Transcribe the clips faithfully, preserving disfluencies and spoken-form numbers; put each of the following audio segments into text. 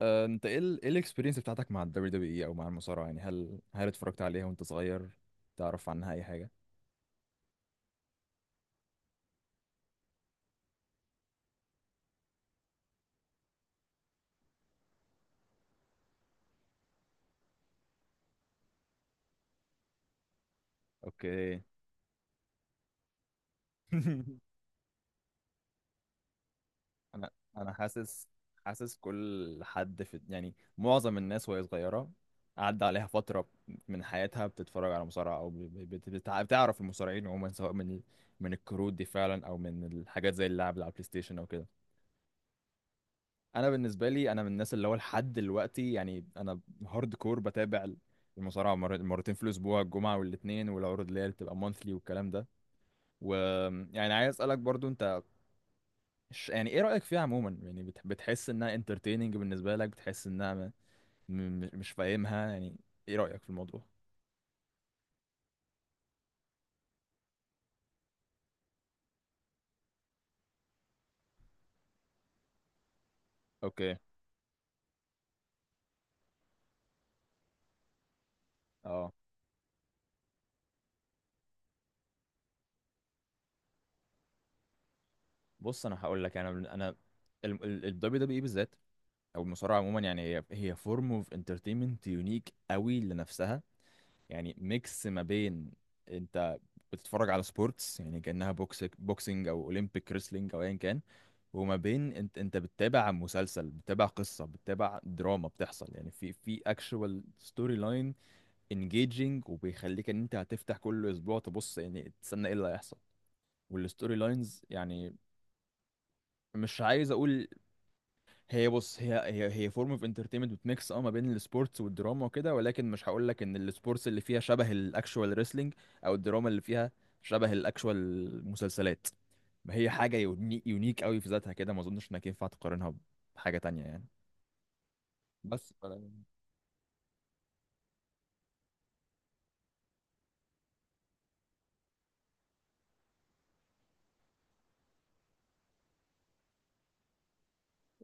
آه، انت ايه ال ايه الاكسبيرينس بتاعتك مع الدبليو دبليو اي او مع المصارعه؟ يعني هل هل اتفرجت عليها وانت صغير؟ تعرف عنها اي حاجه؟ اوكي. انا انا حاسس حاسس. كل حد في يعني معظم الناس وهي صغيره عدى عليها فتره من حياتها بتتفرج على مصارعه، او بت- بت- بتع- بتعرف المصارعين عموما، سواء من من الكروت دي فعلا او من الحاجات زي اللعب على البلاي ستيشن او كده. انا بالنسبه لي، انا من الناس اللي هو لحد دلوقتي، يعني انا هارد كور، بتابع المصارعه مر- مرتين في الاسبوع، الجمعه والاثنين، والعروض اللي هي بتبقى مونثلي والكلام ده. ويعني عايز اسالك برضو انت، ش- يعني ايه رايك فيها عموما؟ يعني بت- بتحس انها انترتيننج بالنسبه لك، بتحس انها م- م- مش فاهمها؟ يعني ايه رايك في الموضوع؟ اوكي. اه بص، انا هقول لك. انا من- انا الدبليو دبليو اي بالذات او المصارعه عموما، يعني هي هي فورم اوف انترتينمنت يونيك قوي لنفسها. يعني ميكس ما بين انت بتتفرج على سبورتس، يعني كأنها بوكس بوكسنج او اولمبيك ريسلينج او ايا كان، وما بين انت انت بتتابع مسلسل، بتتابع قصة، بتتابع دراما. بتحصل، يعني، في في اكشوال ستوري لاين انجيجنج، وبيخليك ان انت هتفتح كل اسبوع تبص، يعني تستنى ايه اللي هيحصل. والستوري لاينز، يعني، مش عايز اقول. هي بص هي هي هي فورم اوف انترتينمنت بتميكس، اه ما بين السبورتس والدراما وكده، ولكن مش هقول لك ان السبورتس اللي فيها شبه الاكشوال ريسلينج، او الدراما اللي فيها شبه الاكشوال مسلسلات. ما هي حاجه يونيك، يونيك قوي في ذاتها كده، ما اظنش انك ينفع تقارنها بحاجه تانية يعني. بس ف-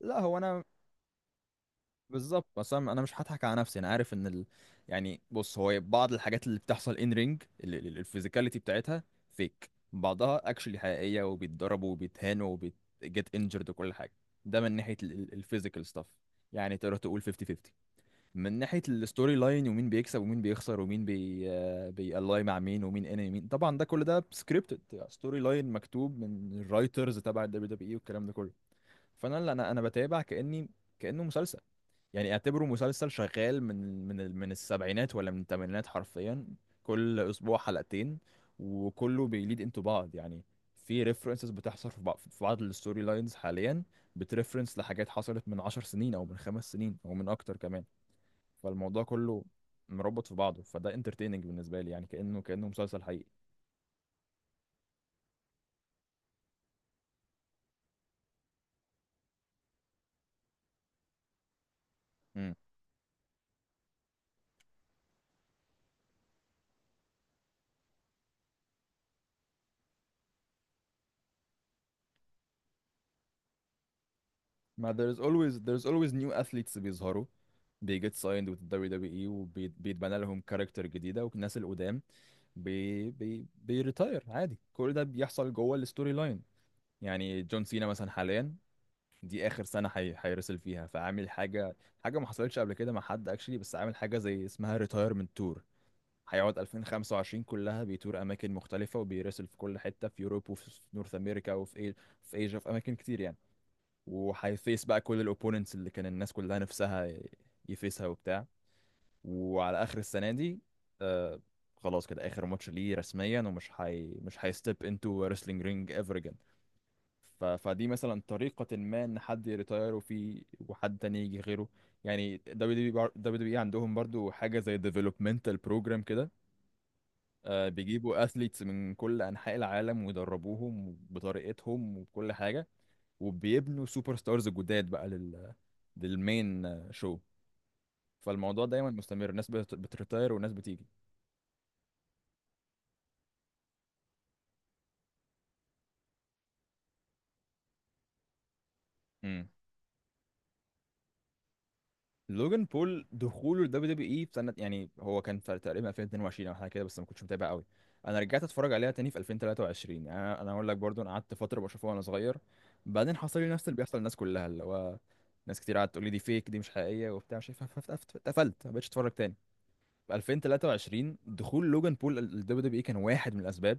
لا، هو انا بالظبط. بس انا أنا مش هضحك على نفسي، انا عارف ان ال... يعني بص، هو بعض الحاجات اللي بتحصل ان رينج الفيزيكاليتي بتاعتها فيك، بعضها اكشلي حقيقيه وبيتضربوا وبيتهانوا وبيتجت انجرد وكل حاجه. ده من ناحيه الفيزيكال ستاف، يعني تقدر تقول خمسين خمسين. من ناحيه الستوري لاين ومين بيكسب ومين بيخسر ومين بي بيالاي مع مين ومين انمي مين، طبعا ده كل ده سكريبتد ستوري لاين مكتوب من الرايترز تبع الدبليو دبليو اي والكلام ده كله. فانا، لا، انا انا بتابع كاني كانه مسلسل. يعني اعتبره مسلسل شغال من من ال- من السبعينات ولا من الثمانينات حرفيا، كل اسبوع حلقتين، وكله بيليد انتو بعض يعني. في ريفرنسز بتحصل في بعض في بعض الستوري لاينز حاليا بتريفرنس لحاجات حصلت من عشر سنين او من خمس سنين او من اكتر كمان. فالموضوع كله مربط في بعضه، فده انترتيننج بالنسبه لي، يعني كانه، كانه مسلسل حقيقي. ما there's always there's always new athletes بيظهروا، they get signed with the دبليو دبليو إي، وبيتبنى لهم كاركتر جديدة، والناس القدام بي بي بيريتاير عادي. كل ده بيحصل جوه الستوري لاين. يعني جون سينا مثلا حاليا، دي آخر سنة حي... هيرسل فيها، فعامل حاجة، حاجة ما حصلتش قبل كده مع حد اكشلي، بس عامل حاجة زي اسمها ريتايرمنت تور. هيقعد ألفين وخمسة وعشرين كلها بيتور أماكن مختلفة وبيرسل في كل حتة، في يوروب وفي نورث أمريكا وفي إي... في إيجا، في أماكن كتير يعني. وهيفيس بقى كل الاوبوننتس اللي كان الناس كلها نفسها ي- يفيسها وبتاع. وعلى اخر السنه دي، آه خلاص كده، اخر ماتش ليه رسميا، ومش هي مش هيستيب انتو ريسلينج رينج ايفر اجين. ف... فدي مثلا طريقه ما ان حد يريتاير، وفي وحد تاني يجي غيره. يعني دبليو دبليو بار- دبليو دبليو إي عندهم برضو حاجه زي ديفلوبمنتال بروجرام كده. آه بيجيبوا اثليتس من كل انحاء العالم ويدربوهم بطريقتهم وكل حاجه، وبيبنوا سوبر ستارز جداد بقى لل للمين، شو. فالموضوع دايما مستمر، ناس بت- بتريتاير وناس بتيجي. امم لوجان بول دخوله الدبليو دبليو اي في سنه، يعني هو كان في تقريبا ألفين واتنين وعشرين او حاجه كده، بس ما كنتش متابع قوي. انا رجعت اتفرج عليها تاني في ألفين وتلاتة وعشرين. يعني انا، أنا اقول لك برضو، انا قعدت فتره بشوفها وانا صغير، بعدين حصل لي نفس اللي بيحصل للناس كلها، اللي هو ناس كتير قعدت تقول لي دي فيك، دي مش حقيقيه وبتاع، مش عارف، فف- فف- اتقفلت ما بقتش اتفرج تاني. في ألفين وتلاتة وعشرين، دخول لوجان بول الدبليو دبليو اي كان واحد من الاسباب،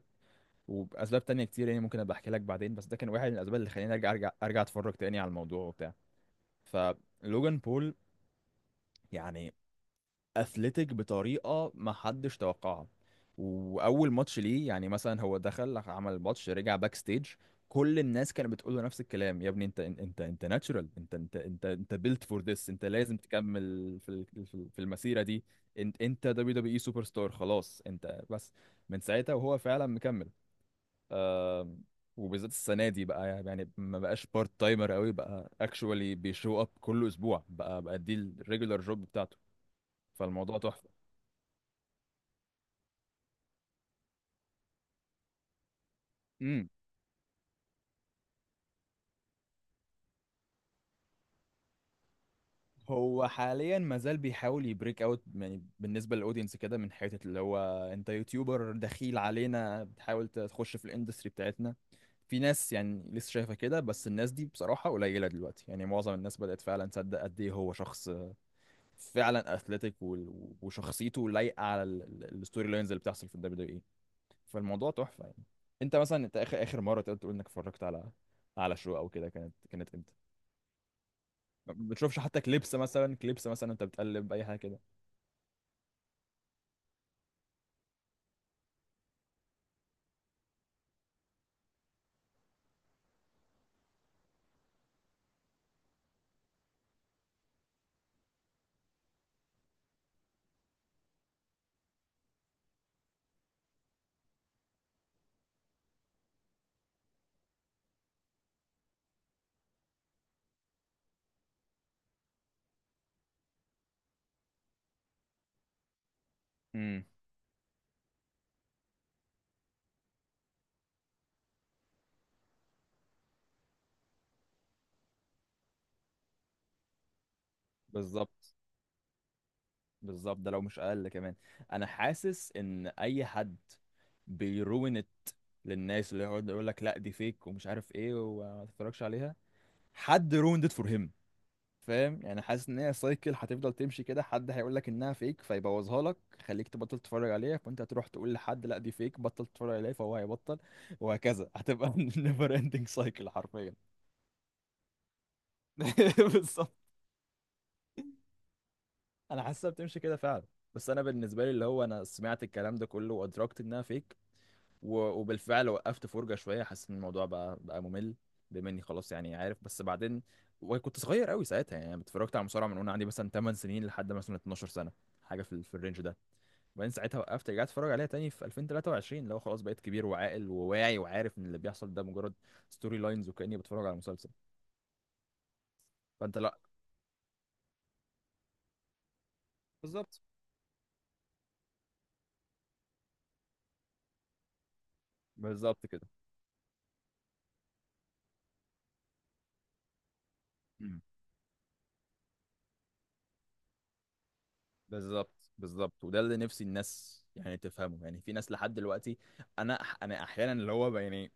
وباسباب تانية كتير، يعني ممكن ابقى احكي لك بعدين، بس ده كان واحد من الاسباب اللي خلاني ارجع، ارجع ارجع اتفرج تاني على الموضوع وبتاع. فلوجان بول يعني اثليتيك بطريقه ما حدش توقعها. واول ماتش ليه، يعني مثلا هو دخل عمل ماتش، رجع باك ستيج، كل الناس كانت بتقول له نفس الكلام، يا ابني انت انت انت انت ناتشورال، انت انت انت انت بيلت فور ذس، انت لازم تكمل في ال- في في المسيره دي، انت، انت دبليو دبليو اي سوبر ستار، خلاص انت بس. من ساعتها وهو فعلا مكمل. آم، وبالذات السنه دي بقى، يعني ما بقاش بارت تايمر قوي، بقى اكشوالي بيشو اب كل اسبوع، بقى بقى دي الريجولار جوب بتاعته. فالموضوع تحفه. امم هو حاليا ما زال بيحاول يبريك اوت، يعني بالنسبه للاودينس كده، من حته اللي هو انت يوتيوبر دخيل علينا بتحاول تخش في الاندستري بتاعتنا. في ناس يعني لسه شايفه كده، بس الناس دي بصراحه قليله دلوقتي، يعني معظم الناس بدات فعلا تصدق قد ايه هو شخص فعلا اثليتيك، وال- وشخصيته لايقه على ال- ال- الستوري لاينز اللي بتحصل في الدبليو دبليو اي. فالموضوع تحفه يعني. انت مثلا، انت اخر اخر مره تقدر تقول انك اتفرجت على على شو او كده كانت، كانت امتى؟ ما بتشوفش حتى كليبس مثلا؟ كليبس مثلا انت بتقلب اي حاجه كده؟ امم بالظبط. بالظبط. ده لو مش اقل كمان. انا حاسس ان اي حد بيروين ات للناس، اللي يقعد يقول لك لا دي فيك ومش عارف ايه وما تتفرجش عليها، حد رويند ات فور هيم، فاهم؟ يعني حاسس ان هي سايكل هتفضل تمشي كده، حد هيقول لك انها فيك فيبوظها لك، خليك تبطل تتفرج عليها، فانت هتروح تقول لحد لا دي فيك، بطل تتفرج عليها، فهو هيبطل، وهكذا هتبقى نيفر اندنج سايكل حرفيا. بالظبط. انا حاسسها بتمشي كده فعلا. بس انا بالنسبه لي اللي هو انا سمعت الكلام ده كله وادركت انها فيك، و... وبالفعل وقفت فرجه شويه، حاسس ان الموضوع بقى بقى ممل، بما اني خلاص يعني عارف. بس بعدين، وكنت صغير قوي ساعتها، يعني أنا اتفرجت على مصارعه من وانا عندي مثلا ثماني سنين لحد مثلا اتناشر سنه، حاجه في, ال- في الرينج ده، وبعدين ساعتها وقفت. رجعت اتفرج عليها تاني في ألفين وتلاتة وعشرين، اللي هو خلاص بقيت كبير وعاقل وواعي وعارف ان اللي بيحصل ده مجرد ستوري لاينز، وكاني بتفرج على مسلسل. فانت، لا، بالظبط. بالظبط كده. مم. بالظبط. بالظبط وده اللي نفسي الناس يعني تفهمه. يعني في ناس لحد دلوقتي، انا، انا احيانا اللي هو ب- يعني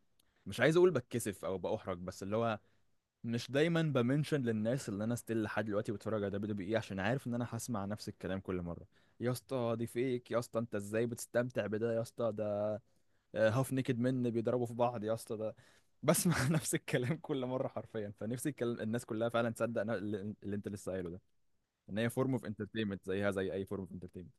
مش عايز اقول بتكسف او باحرج، بس اللي هو مش دايما بمنشن للناس اللي انا ستيل لحد دلوقتي بتفرج على دبليو دبليو اي، عشان عارف ان انا هسمع نفس الكلام كل مره: يا اسطى دي فيك، يا اسطى انت ازاي بتستمتع بده، يا اسطى ده هاف نيكد من بيضربوا في بعض، يا اسطى ده. بسمع نفس الكلام كل مره حرفيا. فنفسي الكلام الناس كلها فعلا تصدق نا- اللي، اللي انت لسه قايله ده، ان هي فورم اوف انترتينمنت زيها زي اي فورم اوف انترتينمنت.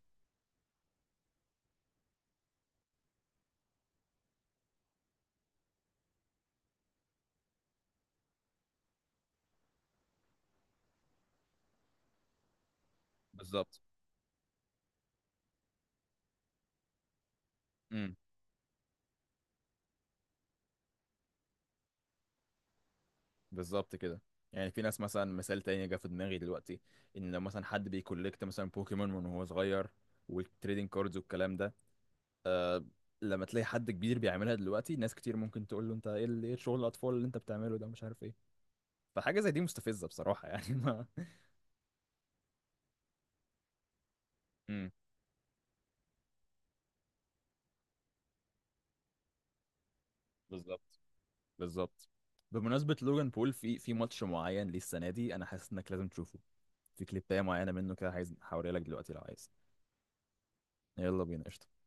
بالظبط. امم بالظبط كده. يعني في ناس مثلا، مثال تاني جه في دماغي دلوقتي، ان لو مثلا حد بيكولكت مثلا بوكيمون من وهو صغير والتريدنج كاردز والكلام ده، لما تلاقي حد كبير بيعملها دلوقتي، ناس كتير ممكن تقول له انت ايه ال- ايه شغل الاطفال اللي انت بتعمله ده، مش عارف ايه. فحاجه زي دي مستفزه بصراحه يعني. ما امم بالظبط. بالظبط. بمناسبة لوجان بول، في في ماتش معين ليه السنة دي أنا حاسس إنك لازم تشوفه. في كليباية معينة منه كده، عايز هوريها لك دلوقتي لو عايز. يلا بينا قشطة.